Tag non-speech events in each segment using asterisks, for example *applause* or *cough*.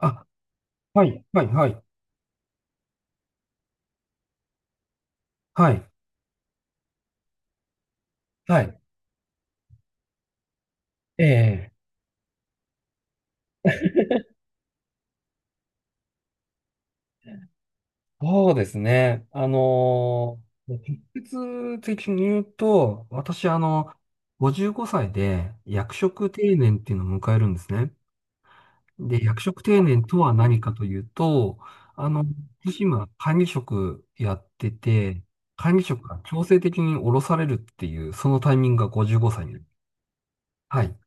あ、はい、はい、はい、はい、はい。ええ、そうですね。直接的に言うと、私、55歳で役職定年っていうのを迎えるんですね。で、役職定年とは何かというと、あの、私今、管理職やってて、管理職が強制的に降ろされるっていう、そのタイミングが55歳になる。はい、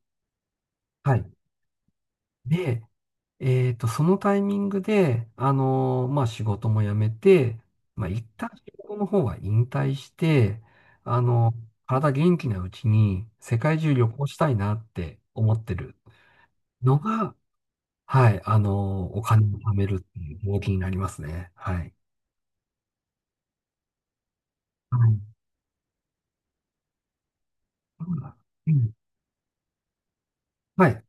はい。で、そのタイミングで、まあ、仕事も辞めて、まあ、一旦仕事の方は引退して、あの体元気なうちに世界中旅行したいなって思ってるのが、はい、お金を貯めるっていう動機になりますね。はい。はい。うんはい。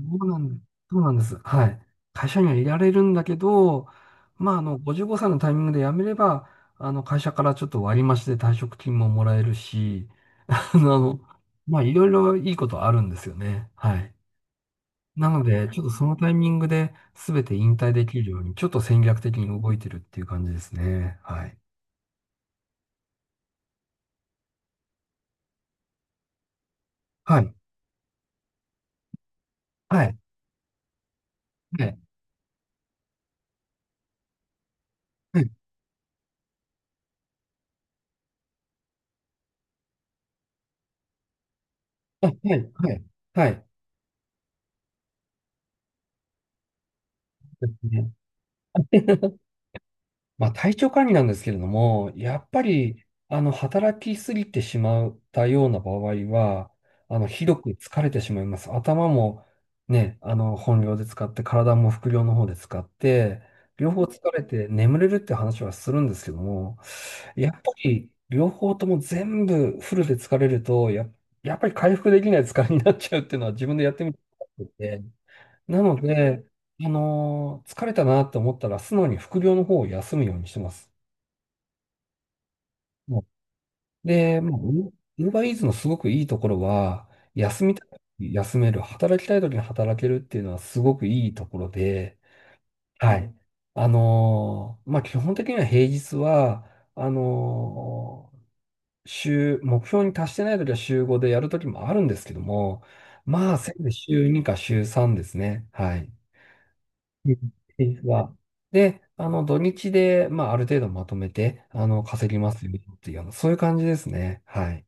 そうなんです。そうなんです。はい。会社にはいられるんだけど、まあ、55歳のタイミングで辞めれば、会社からちょっと割り増しで退職金ももらえるし、*laughs* あの、まあ、いろいろいいことあるんですよね。はい。なので、ちょっとそのタイミングで全て引退できるように、ちょっと戦略的に動いてるっていう感じですね。はい。はい。はい。はい。はい。はい。はい。はい。はいまあ、体調管理なんですけれども、やっぱり、働きすぎてしまったような場合は、ひどく疲れてしまいます。頭もね、本領で使って、体も副領の方で使って、両方疲れて眠れるって話はするんですけども、やっぱり、両方とも全部フルで疲れると、やっぱり回復できない疲れになっちゃうっていうのは自分でやってみて思ってて、なので、疲れたなって思ったら、素直に副業の方を休むようにしてます。もうで、まあ、ウーバーイーツのすごくいいところは、休みた休める、働きたい時に働けるっていうのはすごくいいところで、はい。まあ、基本的には平日は、あのー週、目標に達してない時は週5でやる時もあるんですけども、まあ、せいぜい週2か週3ですね。はい。うんですが。で、土日で、まあ、ある程度まとめて、稼ぎますよっていうあのそういう感じですね。はい。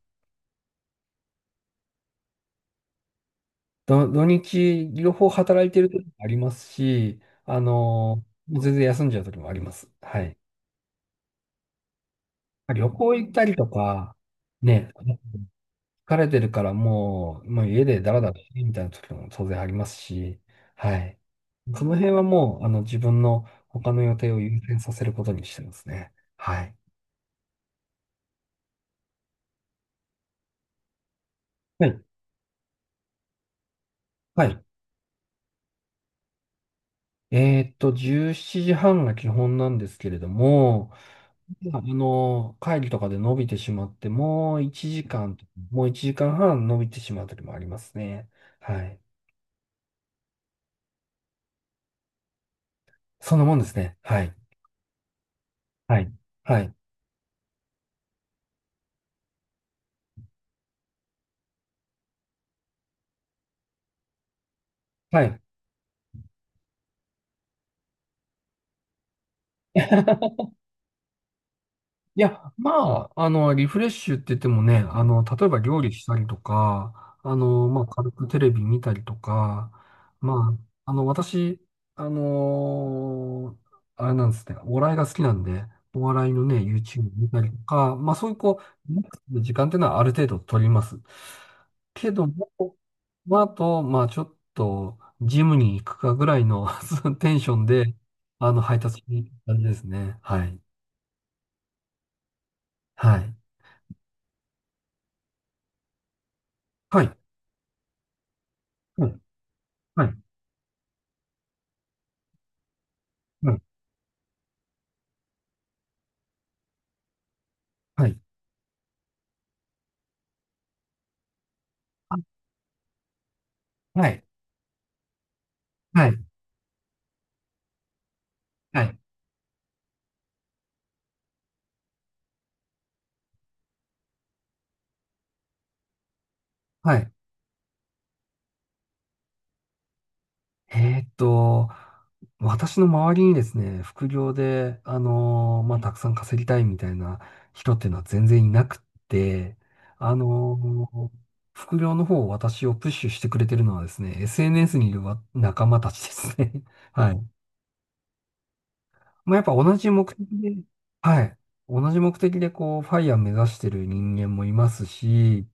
土日、両方働いてる時もありますし、もう全然休んじゃう時もあります。はい。旅行行ったりとか、ね、疲れてるからもう、もう家でダラダラしてみたいな時も当然ありますし、はい。その辺はもう、自分の他の予定を優先させることにしてますね。はい。はい。はいえーっと、17時半が基本なんですけれども、会議とかで伸びてしまって、もう1時間、もう1時間半伸びてしまう時もありますね。はい。そんなもんですね。はい。はい。はい。はい。*laughs* いや、まあ、リフレッシュって言ってもね、例えば料理したりとか、まあ、軽くテレビ見たりとか、まあ、私、あのあれなんですね、お笑いが好きなんで、お笑いのね、YouTube 見たりとか、まあ、そういうこう、リラックスする時間っていうのはある程度取ります。けども、まあ、あと、まあ、ちょっと、ジムに行くかぐらいの *laughs* テンションで、配達に行く感じですね。はい。はい。はい。うん、はい、うん、はい、あはい、はい、はい、はい。えーっと、私の周りにですね、副業で、まあ、たくさん稼ぎたいみたいな人っていうのは全然いなくって、あのー副業の方を私をプッシュしてくれてるのはですね、SNS にいるわ仲間たちですね。*laughs* はい。まあ、やっぱ同じ目的で、はい。同じ目的でこう、ファイヤー目指してる人間もいますし、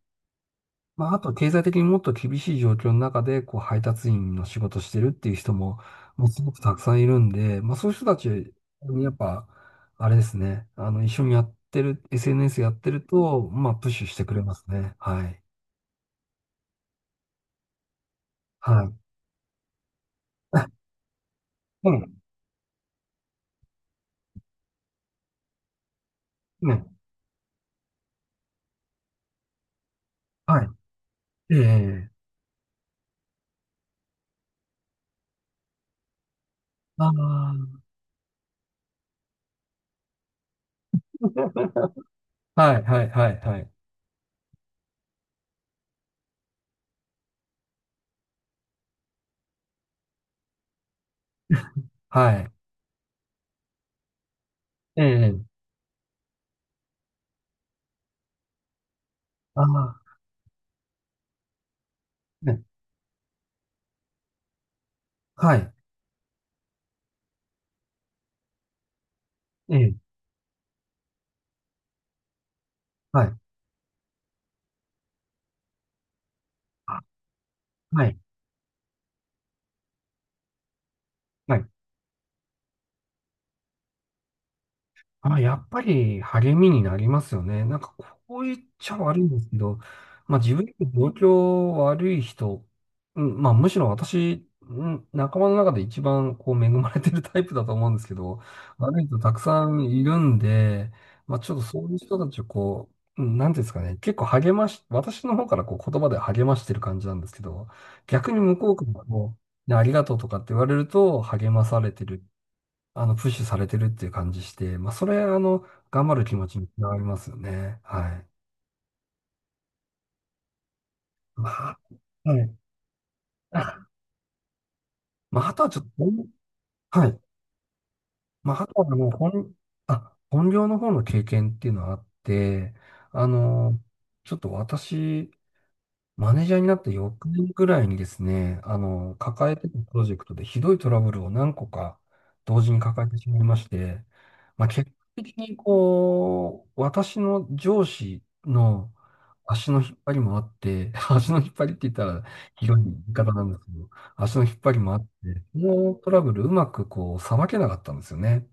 まあ、あと経済的にもっと厳しい状況の中で、こう、配達員の仕事してるっていう人も、もうすごくたくさんいるんで、まあ、そういう人たちにやっぱ、あれですね、一緒にやってる、SNS やってると、まあ、プッシュしてくれますね。はい。はい。*laughs* うん。ね。はい。ええ。ああ。はい、はい、はい、はい。はい。ええ。ああ。ね。はい。ええ。はい。あはい。はい。あ、やっぱり励みになりますよね。なんかこう言っちゃ悪いんですけど、まあ自分より状況悪い人、うん、まあむしろ私、うん、仲間の中で一番こう恵まれてるタイプだと思うんですけど、悪い人たくさんいるんで、まあちょっとそういう人たちをこう、なんていうんですかね、結構励まし、私の方からこう言葉で励ましてる感じなんですけど、逆に向こうからもねありがとうとかって言われると励まされてるプッシュされてるっていう感じして、まあ、それ、頑張る気持ちにつながりますよね。はい。まあ、はい。あまあ、あとはちょっと、はい。まあ、あとはもう本、あ、本業の方の経験っていうのはあって、あの、ちょっと私、マネージャーになって翌年ぐらいにですね、抱えてたプロジェクトでひどいトラブルを何個か同時に抱えてしまいまして、まあ、結果的にこう、私の上司の足の引っ張りもあって、*laughs* 足の引っ張りって言ったら広い言い方なんですけど、足の引っ張りもあって、このトラブルうまくこう、さばけなかったんですよね。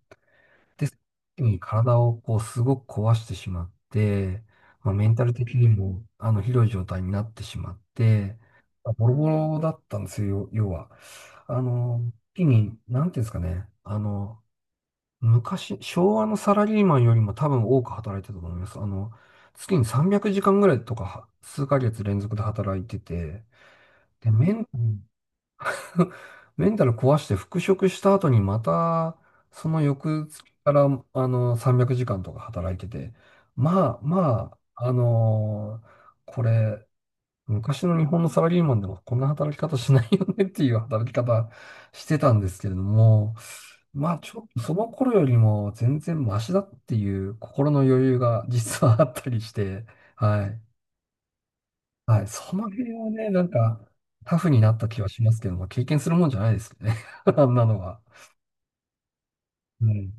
で、その時に体をこうすごく壊してしまって、まあ、メンタル的にもあのひどい状態になってしまって、まあボロボロだったんですよ、要は。時に、なんていうんですかね、昔、昭和のサラリーマンよりも多分多く働いてたと思います。月に300時間ぐらいとかは、数ヶ月連続で働いてて、で、*laughs* メンタル壊して復職した後にまた、その翌月から、300時間とか働いてて、まあ、これ、昔の日本のサラリーマンでもこんな働き方しないよねっていう働き方してたんですけれども、まあちょっとその頃よりも全然マシだっていう心の余裕が実はあったりして、はい。はい。その辺はね、なんか、タフになった気はしますけども、経験するもんじゃないですよね。*laughs* あんなのは。うん。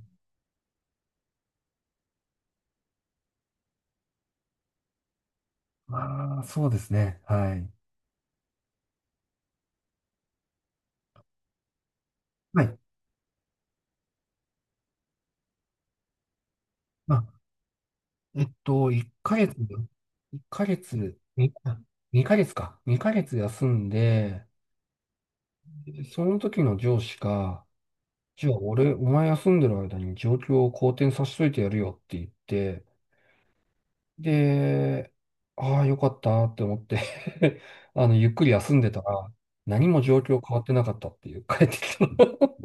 まあ、そうですね。はい。はい。まあ、えっと、1ヶ月、1ヶ月、にあ2ヶ月か。2ヶ月休んで、その時の上司が、じゃあ俺、お前休んでる間に状況を好転させといてやるよって言って、で、ああ、よかったって思って *laughs* ゆっくり休んでたら、何も状況変わってなかったっていう、帰ってきたの。*laughs*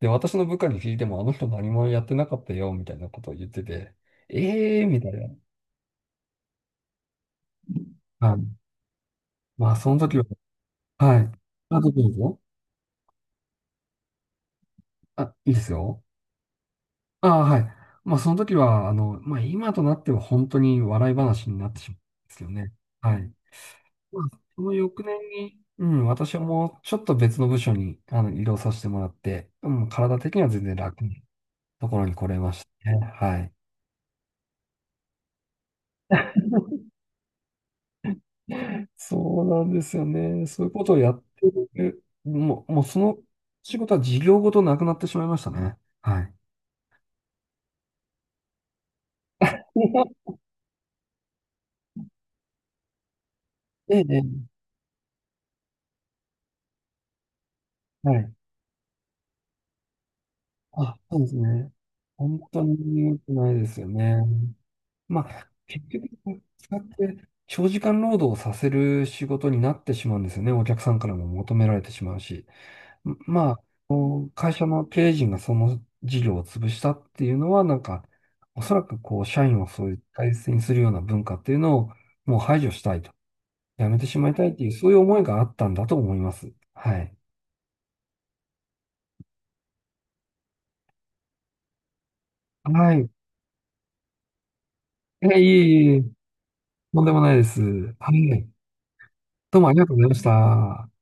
で、私の部下に聞いても、あの人何もやってなかったよ、みたいなことを言ってて、ええー、みたいな。はい。まあ、その時は、はい。あどうぞどうぞ。あ、いいですよ。ああ、はい。まあ、その時は、まあ、今となっては本当に笑い話になってしまうんですよね。はい。まあ、その翌年に、うん、私はもうちょっと別の部署にあの移動させてもらって、うん、体的には全然楽なところに来れましたね。はい。そうなんですよね。そういうことをやってる。もうその仕事は事業ごとなくなってしまいましたね。はい。*laughs* ええ、ええはい。あ、そうですね。本当に良くないですよね。まあ、結局、使って長時間労働をさせる仕事になってしまうんですよね。お客さんからも求められてしまうし。んまあ、会社の経営陣がその事業を潰したっていうのは、なんか、おそらくこう、社員をそういう大切にするような文化っていうのをもう排除したいと。やめてしまいたいっていう、そういう思いがあったんだと思います。はい。はい。え、いえいえいえとんでもないです。はい。どうもありがとうございました。